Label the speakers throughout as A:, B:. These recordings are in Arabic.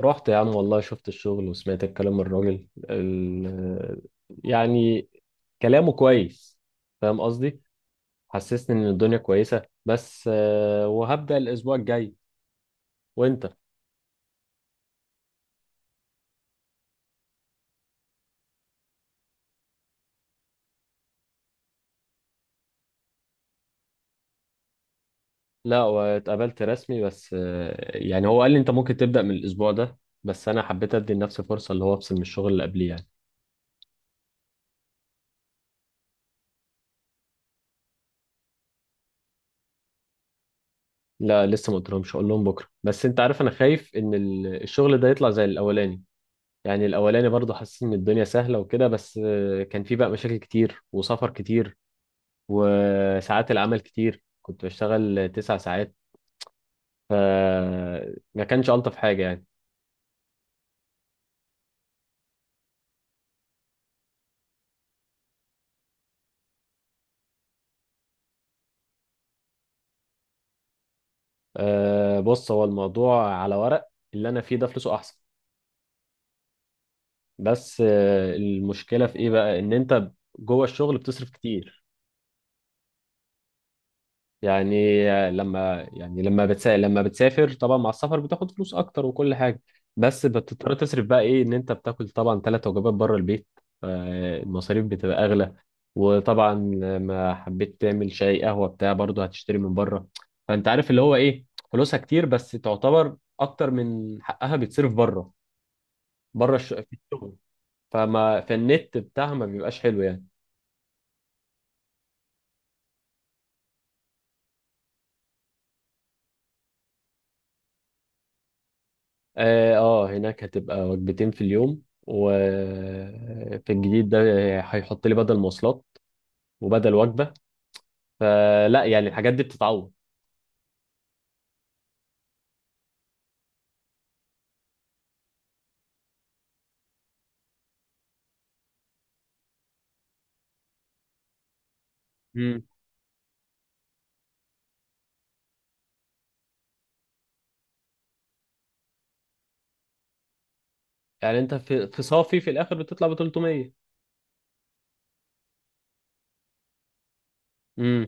A: رحت يا عم، والله شفت الشغل وسمعت الكلام من الراجل يعني كلامه كويس، فاهم قصدي؟ حسسني ان الدنيا كويسة، بس وهبدأ الاسبوع الجاي. وانت؟ لا، واتقابلت رسمي، بس يعني هو قال لي انت ممكن تبدأ من الاسبوع ده، بس انا حبيت ادي لنفسي فرصة اللي هو افصل من الشغل اللي قبليه يعني. لا، لسه ما قلتلهمش، اقول لهم بكرة. بس انت عارف، انا خايف ان الشغل ده يطلع زي الاولاني. يعني الاولاني برضه حسيت ان الدنيا سهله وكده، بس كان في بقى مشاكل كتير وسفر كتير وساعات العمل كتير، كنت بشتغل 9 ساعات، فما كانش الطف حاجه يعني. بص، هو الموضوع على ورق اللي انا فيه ده فلوسه احسن. بس المشكله في ايه بقى، ان انت جوه الشغل بتصرف كتير. لما بتسافر طبعا، مع السفر بتاخد فلوس اكتر وكل حاجه، بس بتضطر تصرف بقى ايه، ان انت بتاكل طبعا 3 وجبات بره البيت، فالمصاريف بتبقى اغلى. وطبعا لما حبيت تعمل شاي قهوه بتاع، برضه هتشتري من بره. فانت عارف اللي هو ايه، فلوسها كتير بس تعتبر اكتر من حقها بيتصرف بره. في الشغل، فما فالنت بتاعها ما بيبقاش حلو يعني. اه، هناك هتبقى وجبتين في اليوم، وفي الجديد ده هيحط لي بدل مواصلات وبدل وجبة. فلا يعني الحاجات دي بتتعوض. امم يعني انت في صافي في الاخر بتطلع ب 300؟ امم.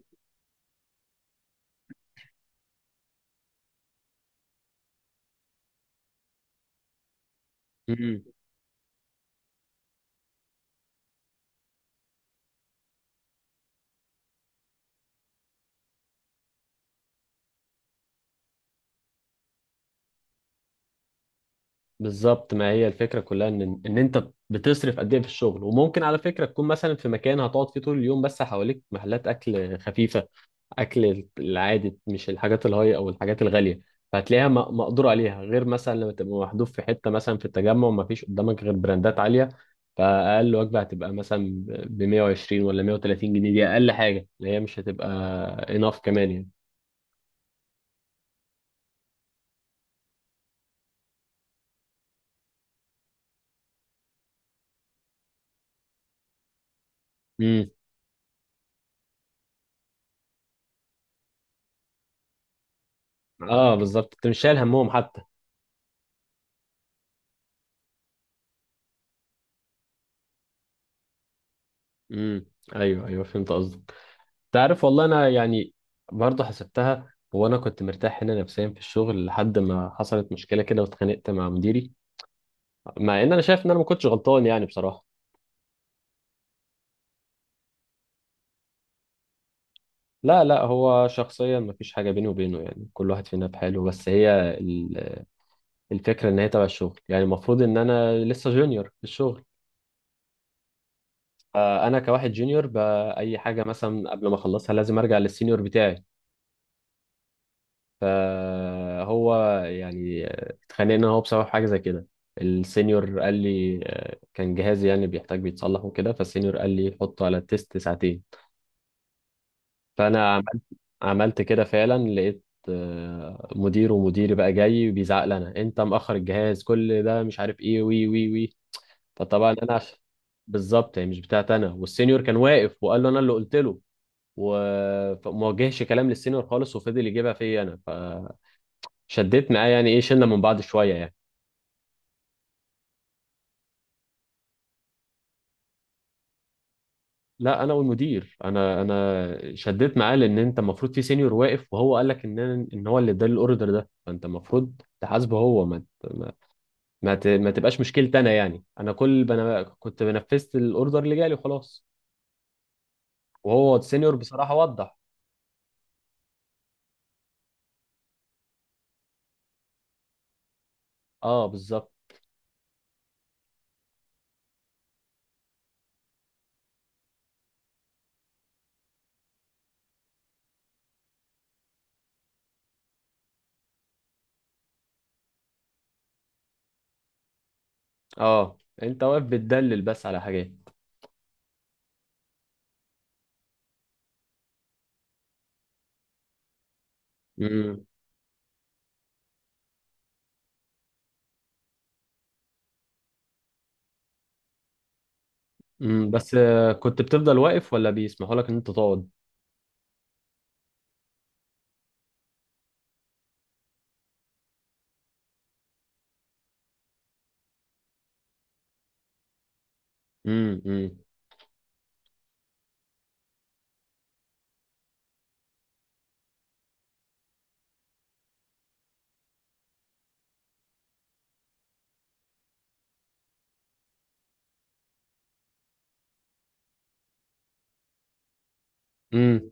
A: امم. بالظبط، ما هي الفكرة كلها ان انت بتصرف قد ايه في الشغل. وممكن على فكرة تكون مثلا في مكان هتقعد فيه طول اليوم، بس حواليك محلات اكل خفيفة، اكل العادي مش الحاجات الهاي او الحاجات الغاليه، فهتلاقيها مقدور عليها. غير مثلا لما تبقى محذوف في حته مثلا في التجمع وما فيش قدامك غير براندات عاليه، فاقل وجبه هتبقى مثلا ب 120 ولا 130 جنيه. دي اقل حاجه اللي هي مش هتبقى اناف كمان يعني. امم. اه بالظبط، انت مش شايل همهم حتى. امم. ايوه ايوه، فهمت قصدك. تعرف والله، انا يعني برضه حسبتها. وانا كنت مرتاح هنا نفسيا في الشغل، لحد ما حصلت مشكله كده واتخانقت مع مديري، مع ان انا شايف ان انا ما كنتش غلطان يعني بصراحه. لا لا، هو شخصيا ما فيش حاجه بيني وبينه، يعني كل واحد فينا بحاله. بس هي الفكره ان هي تبع الشغل. يعني المفروض ان انا لسه جونيور في الشغل، فانا كواحد جونيور باي حاجه مثلا قبل ما اخلصها لازم ارجع للسينيور بتاعي. فهو يعني اتخانقنا هو بسبب حاجه زي كده. السينيور قال لي كان جهازي يعني بيحتاج بيتصلح وكده. فالسينيور قال لي حطه على التيست ساعتين، فانا عملت كده فعلا. لقيت مدير، ومديري بقى جاي بيزعق لنا، انت مأخر الجهاز كل ده مش عارف ايه، وي وي وي. فطبعا انا عشان بالظبط هي مش بتاعت انا، والسينيور كان واقف وقال له انا اللي قلت له. فما وجهش كلام للسينيور خالص، وفضل يجيبها فيا انا. فشديت معاه يعني، ايه شلنا من بعض شويه يعني. لا، انا والمدير. انا شديت معاه، لان انت المفروض في سينيور واقف وهو قال لك ان هو اللي ادالي الاوردر ده، فانت المفروض تحاسبه هو. ما تبقاش مشكلتي انا. يعني انا كنت بنفذت الاوردر اللي جالي وخلاص. وهو السينيور بصراحه وضح. اه بالظبط، اه انت واقف بتدلل بس على حاجات. امم. امم. بس كنت بتفضل واقف ولا بيسمحوا لك ان انت تقعد؟ امم. امم. امم.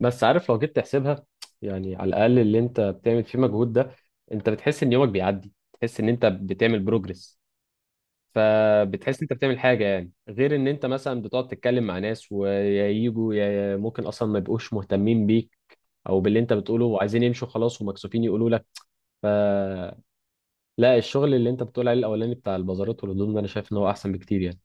A: بس عارف، لو جيت تحسبها، يعني على الاقل اللي انت بتعمل فيه مجهود ده، انت بتحس ان يومك بيعدي، تحس ان انت بتعمل بروجرس، فبتحس انت بتعمل حاجه يعني، غير ان انت مثلا بتقعد تتكلم مع ناس، ويا يجوا يا ممكن اصلا ما يبقوش مهتمين بيك او باللي انت بتقوله وعايزين يمشوا خلاص ومكسوفين يقولوا لك. فلا، الشغل اللي انت بتقول عليه الاولاني بتاع البازارات والهدوم ده، انا شايف ان هو احسن بكتير يعني.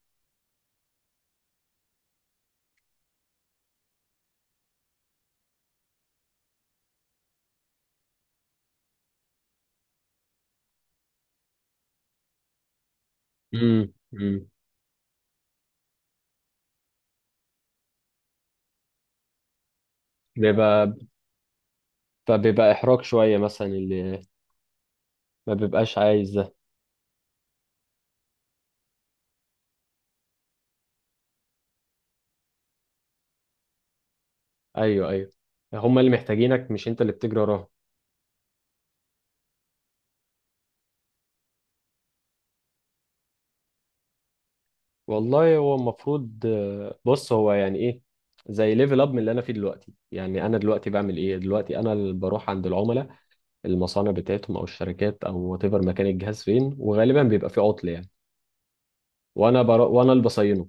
A: امم. امم. بيبقى فبيبقى احراج شويه مثلا، اللي ما بيبقاش عايز ده. ايوه ايوه، هما اللي محتاجينك مش انت اللي بتجري وراهم. والله هو المفروض بص، هو يعني ايه، زي ليفل اب من اللي انا فيه دلوقتي. يعني انا دلوقتي بعمل ايه، دلوقتي انا اللي بروح عند العملاء، المصانع بتاعتهم او الشركات او وات ايفر، مكان الجهاز فين، وغالبا بيبقى فيه عطل يعني، وانا اللي بصينه.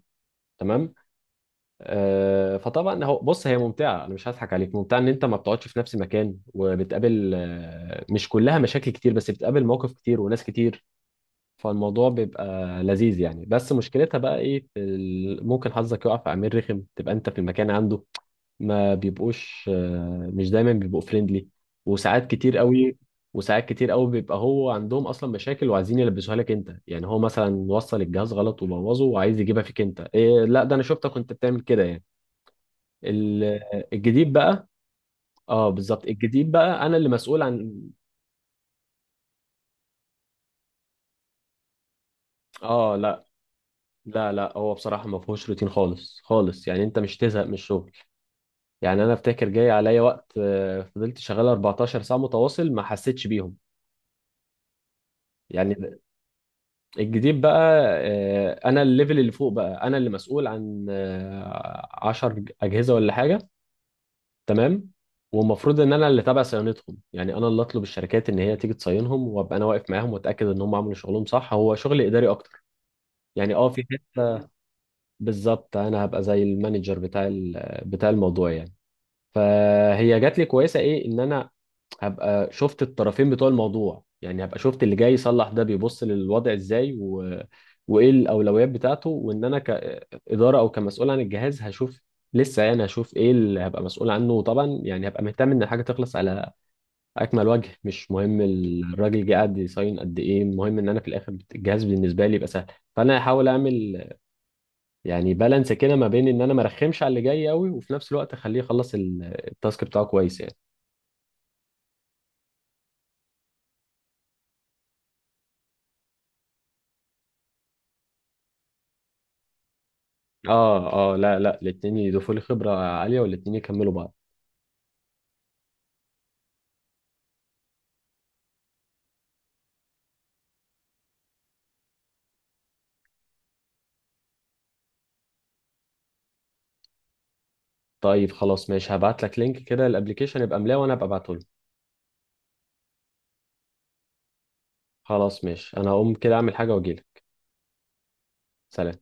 A: تمام. فطبعا هو، بص، هي ممتعه، انا مش هضحك عليك، ممتعه ان انت ما بتقعدش في نفس المكان، وبتقابل مش كلها مشاكل كتير، بس بتقابل مواقف كتير وناس كتير، فالموضوع بيبقى لذيذ يعني. بس مشكلتها بقى ايه، في ممكن حظك يقع في عميل رخم، تبقى انت في المكان عنده، ما بيبقوش مش دايما بيبقوا فريندلي. وساعات كتير قوي. وساعات كتير قوي بيبقى هو عندهم اصلا مشاكل، وعايزين يلبسوها لك انت، يعني هو مثلا وصل الجهاز غلط وبوظه وعايز يجيبها فيك، انت إيه، لا ده انا شفتك كنت بتعمل كده يعني. ال- الجديد بقى. اه بالظبط، الجديد بقى انا اللي مسؤول عن. اه لا لا لا، هو بصراحة ما فيهوش روتين خالص خالص، يعني انت مش تزهق من الشغل. يعني انا افتكر جاي عليا وقت فضلت شغال 14 ساعه متواصل ما حسيتش بيهم يعني. الجديد بقى انا الليفل اللي فوق بقى، انا اللي مسؤول عن 10 اجهزه ولا حاجه. تمام. والمفروض ان انا اللي تابع صيانتهم، يعني انا اللي اطلب الشركات ان هي تيجي تصينهم، وابقى انا واقف معاهم واتاكد ان هم عملوا شغلهم صح. هو شغل اداري اكتر يعني، اه في حته. بالظبط انا هبقى زي المانجر بتاع بتاع الموضوع يعني. فهي جات لي كويسه ايه، ان انا هبقى شفت الطرفين بتوع الموضوع، يعني هبقى شفت اللي جاي يصلح ده بيبص للوضع ازاي، و... وايه الاولويات بتاعته، وان انا كاداره او كمسؤول عن الجهاز هشوف، لسه يعني هشوف ايه اللي هبقى مسؤول عنه. وطبعا يعني هبقى مهتم ان الحاجه تخلص على اكمل وجه، مش مهم الراجل جه قاعد يصين قد ايه، المهم ان انا في الاخر الجهاز بالنسبه لي يبقى سهل. فانا هحاول اعمل يعني بالانس كده، ما بين ان انا ما ارخمش على اللي جاي قوي، وفي نفس الوقت اخليه يخلص التاسك بتاعه كويس يعني. اه اه لا لا، الاتنين يضيفوا لي خبرة عالية والاتنين يكملوا بعض. طيب خلاص ماشي، هبعت لك لينك كده الابليكيشن، يبقى ملاه وانا هبقى ابعته له. خلاص ماشي، انا هقوم كده اعمل حاجة واجيلك. سلام.